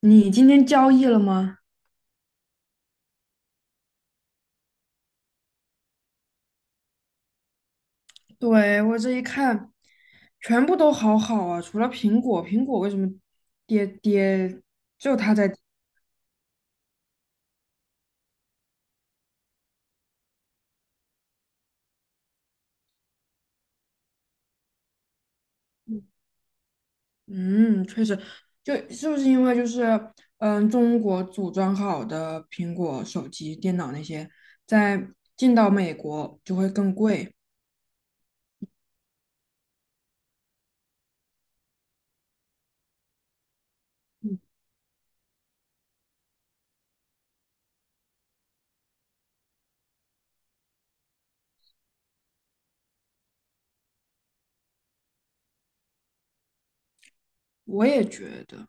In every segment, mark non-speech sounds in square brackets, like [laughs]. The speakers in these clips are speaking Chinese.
你今天交易了吗？对，我这一看，全部都好好啊，除了苹果，苹果为什么跌？就它在跌。嗯，确实，就是不是因为就是嗯，中国组装好的苹果手机、电脑那些，在进到美国就会更贵。嗯，我也觉得。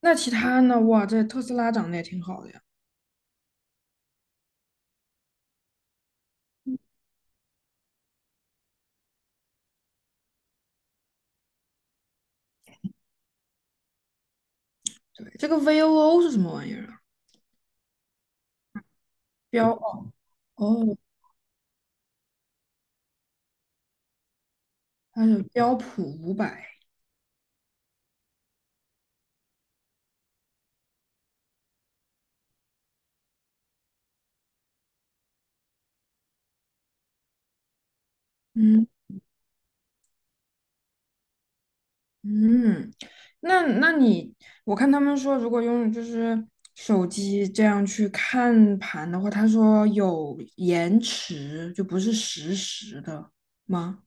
那其他呢？哇，这特斯拉涨得也挺好的呀。对，这个 VOO 是什么玩意儿啊？标哦，它是标普五百。嗯。嗯，那那你，我看他们说，如果用就是手机这样去看盘的话，他说有延迟，就不是实时的吗？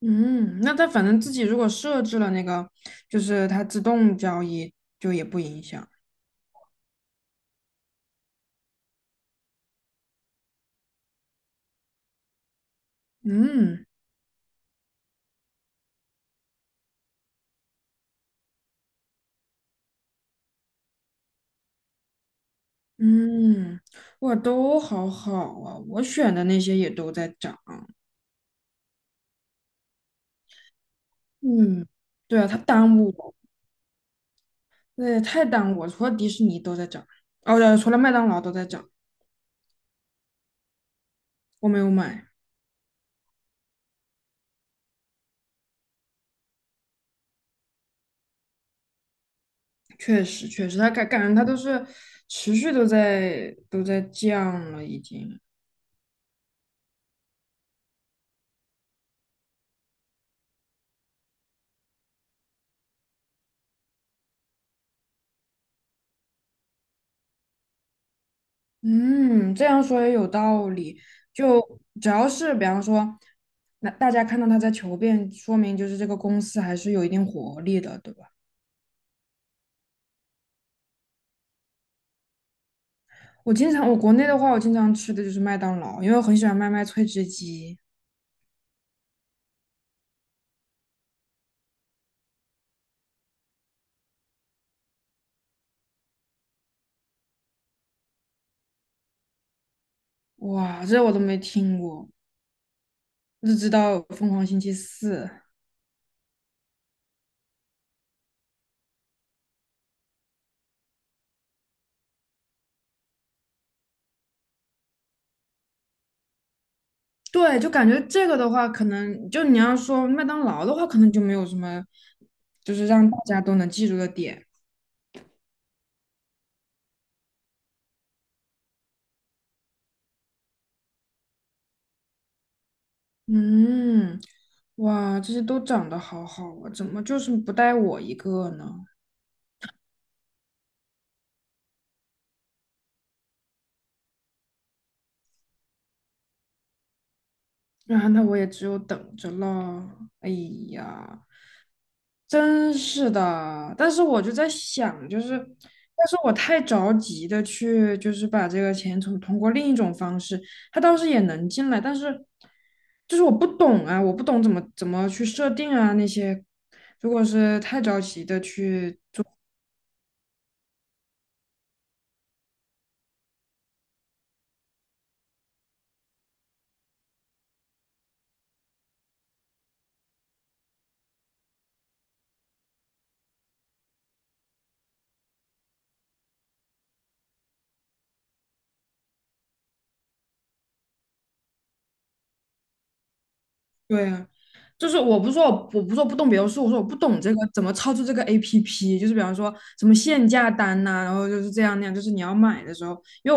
嗯，那他反正自己如果设置了那个，就是它自动交易，就也不影响。嗯。嗯，哇，都好好啊，我选的那些也都在涨。嗯，对啊，他耽误我。对，太淡我除了迪士尼都在涨，哦，对除了麦当劳都在涨，我没有买。确实，确实，它感觉它都是持续都在降了，已经。嗯，这样说也有道理。就只要是比方说，那大家看到它在求变，说明就是这个公司还是有一定活力的，对吧？我经常，我国内的话，我经常吃的就是麦当劳，因为我很喜欢麦麦脆汁鸡。哇，这我都没听过，只知道疯狂星期四。对，就感觉这个的话，可能就你要说麦当劳的话，可能就没有什么，就是让大家都能记住的点。嗯，哇，这些都长得好好啊，怎么就是不带我一个呢？啊，那我也只有等着了。哎呀，真是的，但是我就在想，就是，要是我太着急的去，就是把这个钱从通过另一种方式，他倒是也能进来，但是就是我不懂啊，我不懂怎么去设定啊那些，如果是太着急的去。对啊，就是我不是说我不是说不懂别的术，我说我不懂这个怎么操作这个 APP，就是比方说什么限价单呐、然后就是这样那样，就是你要买的时候，比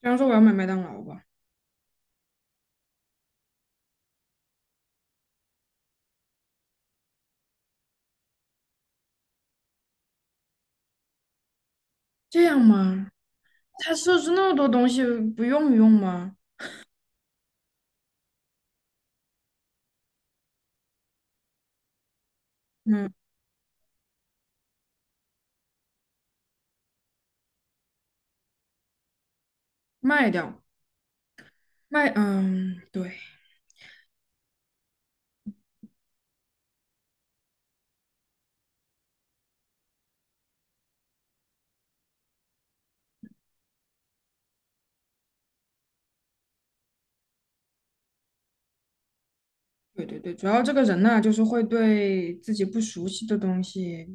方说我要买麦当劳吧，这样吗？他设置那么多东西不用用吗？嗯，卖掉卖，嗯，对。对，主要这个人呐、就是会对自己不熟悉的东西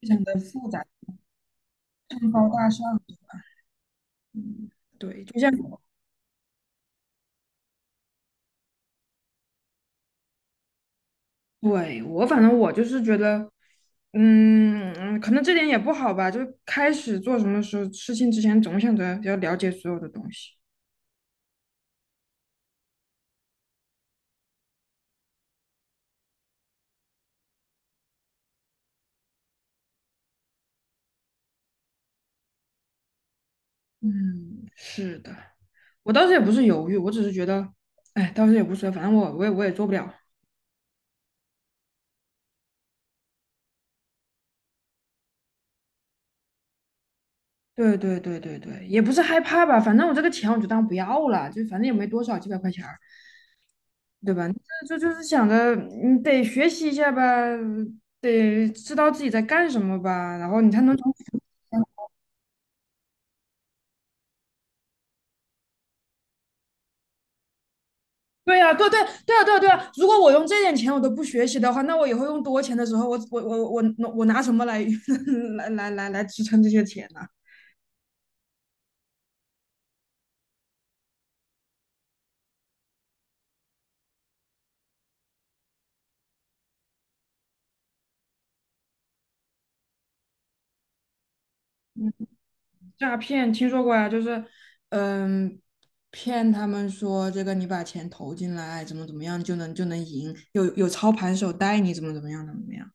非常的复杂，上纲大上。嗯，对，就像。对，我反正我就是觉得，嗯，可能这点也不好吧。就开始做什么事情之前，总想着要了解所有的东西。嗯，是的，我当时也不是犹豫，我只是觉得，哎，当时也不所谓反正我也做不了。对，也不是害怕吧，反正我这个钱我就当不要了，就反正也没多少，几百块钱儿对吧？这这就是想着你得学习一下吧，得知道自己在干什么吧，然后你才能从。对呀，对啊，对啊！如果我用这点钱我都不学习的话，那我以后用多钱的时候，我拿什么来 [laughs] 来来来来支撑这些钱呢、诈骗听说过呀，嗯，骗他们说这个你把钱投进来，怎么样就能就能赢，有操盘手带你怎么样。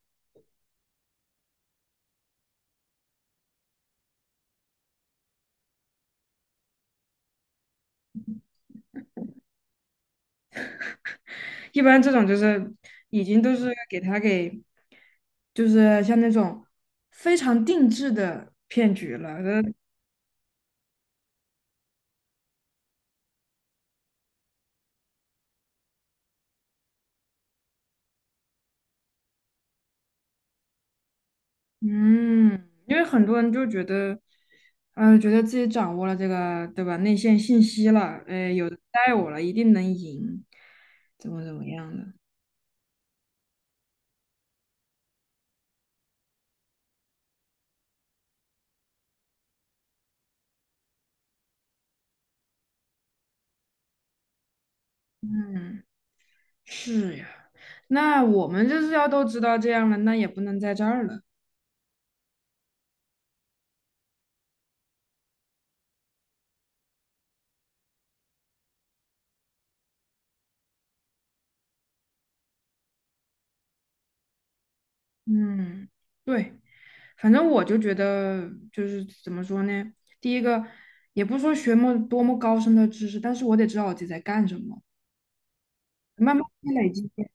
一般这种就是已经都是给他给，就是像那种非常定制的骗局了，嗯，因为很多人就觉得，嗯，觉得自己掌握了这个，对吧？内线信息了，哎，有人带我了，一定能赢，怎么怎么样的？嗯，是呀。那我们就是要都知道这样了，那也不能在这儿了。嗯，对，反正我就觉得，就是怎么说呢？第一个，也不说学么多么高深的知识，但是我得知道我自己在干什么，慢慢积累经验。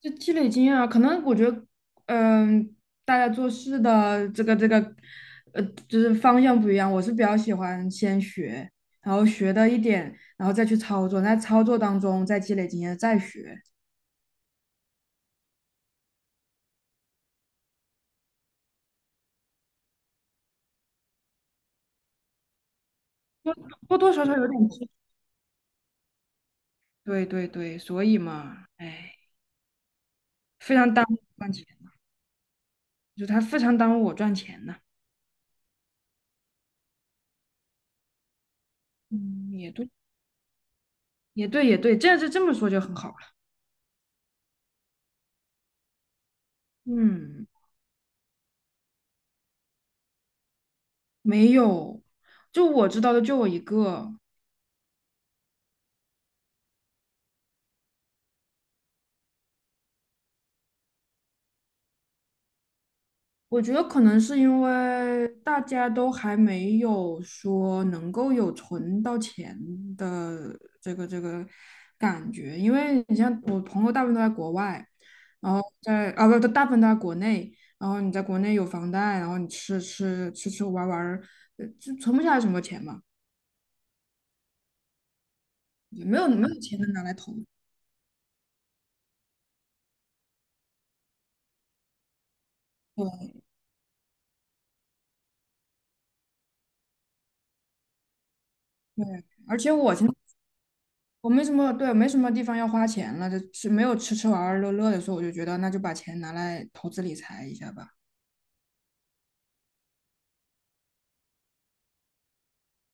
就积累经验啊，可能我觉得，嗯，大家做事的呃，就是方向不一样。我是比较喜欢先学，然后学到一点，然后再去操作，在操作当中再积累经验，再学，多多少少有点积。对，所以嘛，哎，非常耽误我赚钱，就他非常耽误我赚钱呢。嗯，也对，这这么说就很好了。嗯，没有，就我知道的就我一个。我觉得可能是因为大家都还没有说能够有存到钱的这个感觉，因为你像我朋友大部分都在国外，然后在啊不，大部分都在国内，然后你在国内有房贷，然后你吃吃玩玩儿，呃就存不下来什么钱嘛，没有钱能拿来投。对对，而且我现在。我没什么，对，没什么地方要花钱了，就是没有吃吃玩玩乐乐的时候，我就觉得那就把钱拿来投资理财一下吧。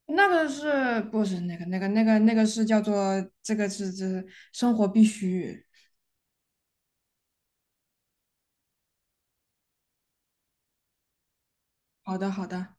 那个是不是那个是叫做这是生活必须？好的好的。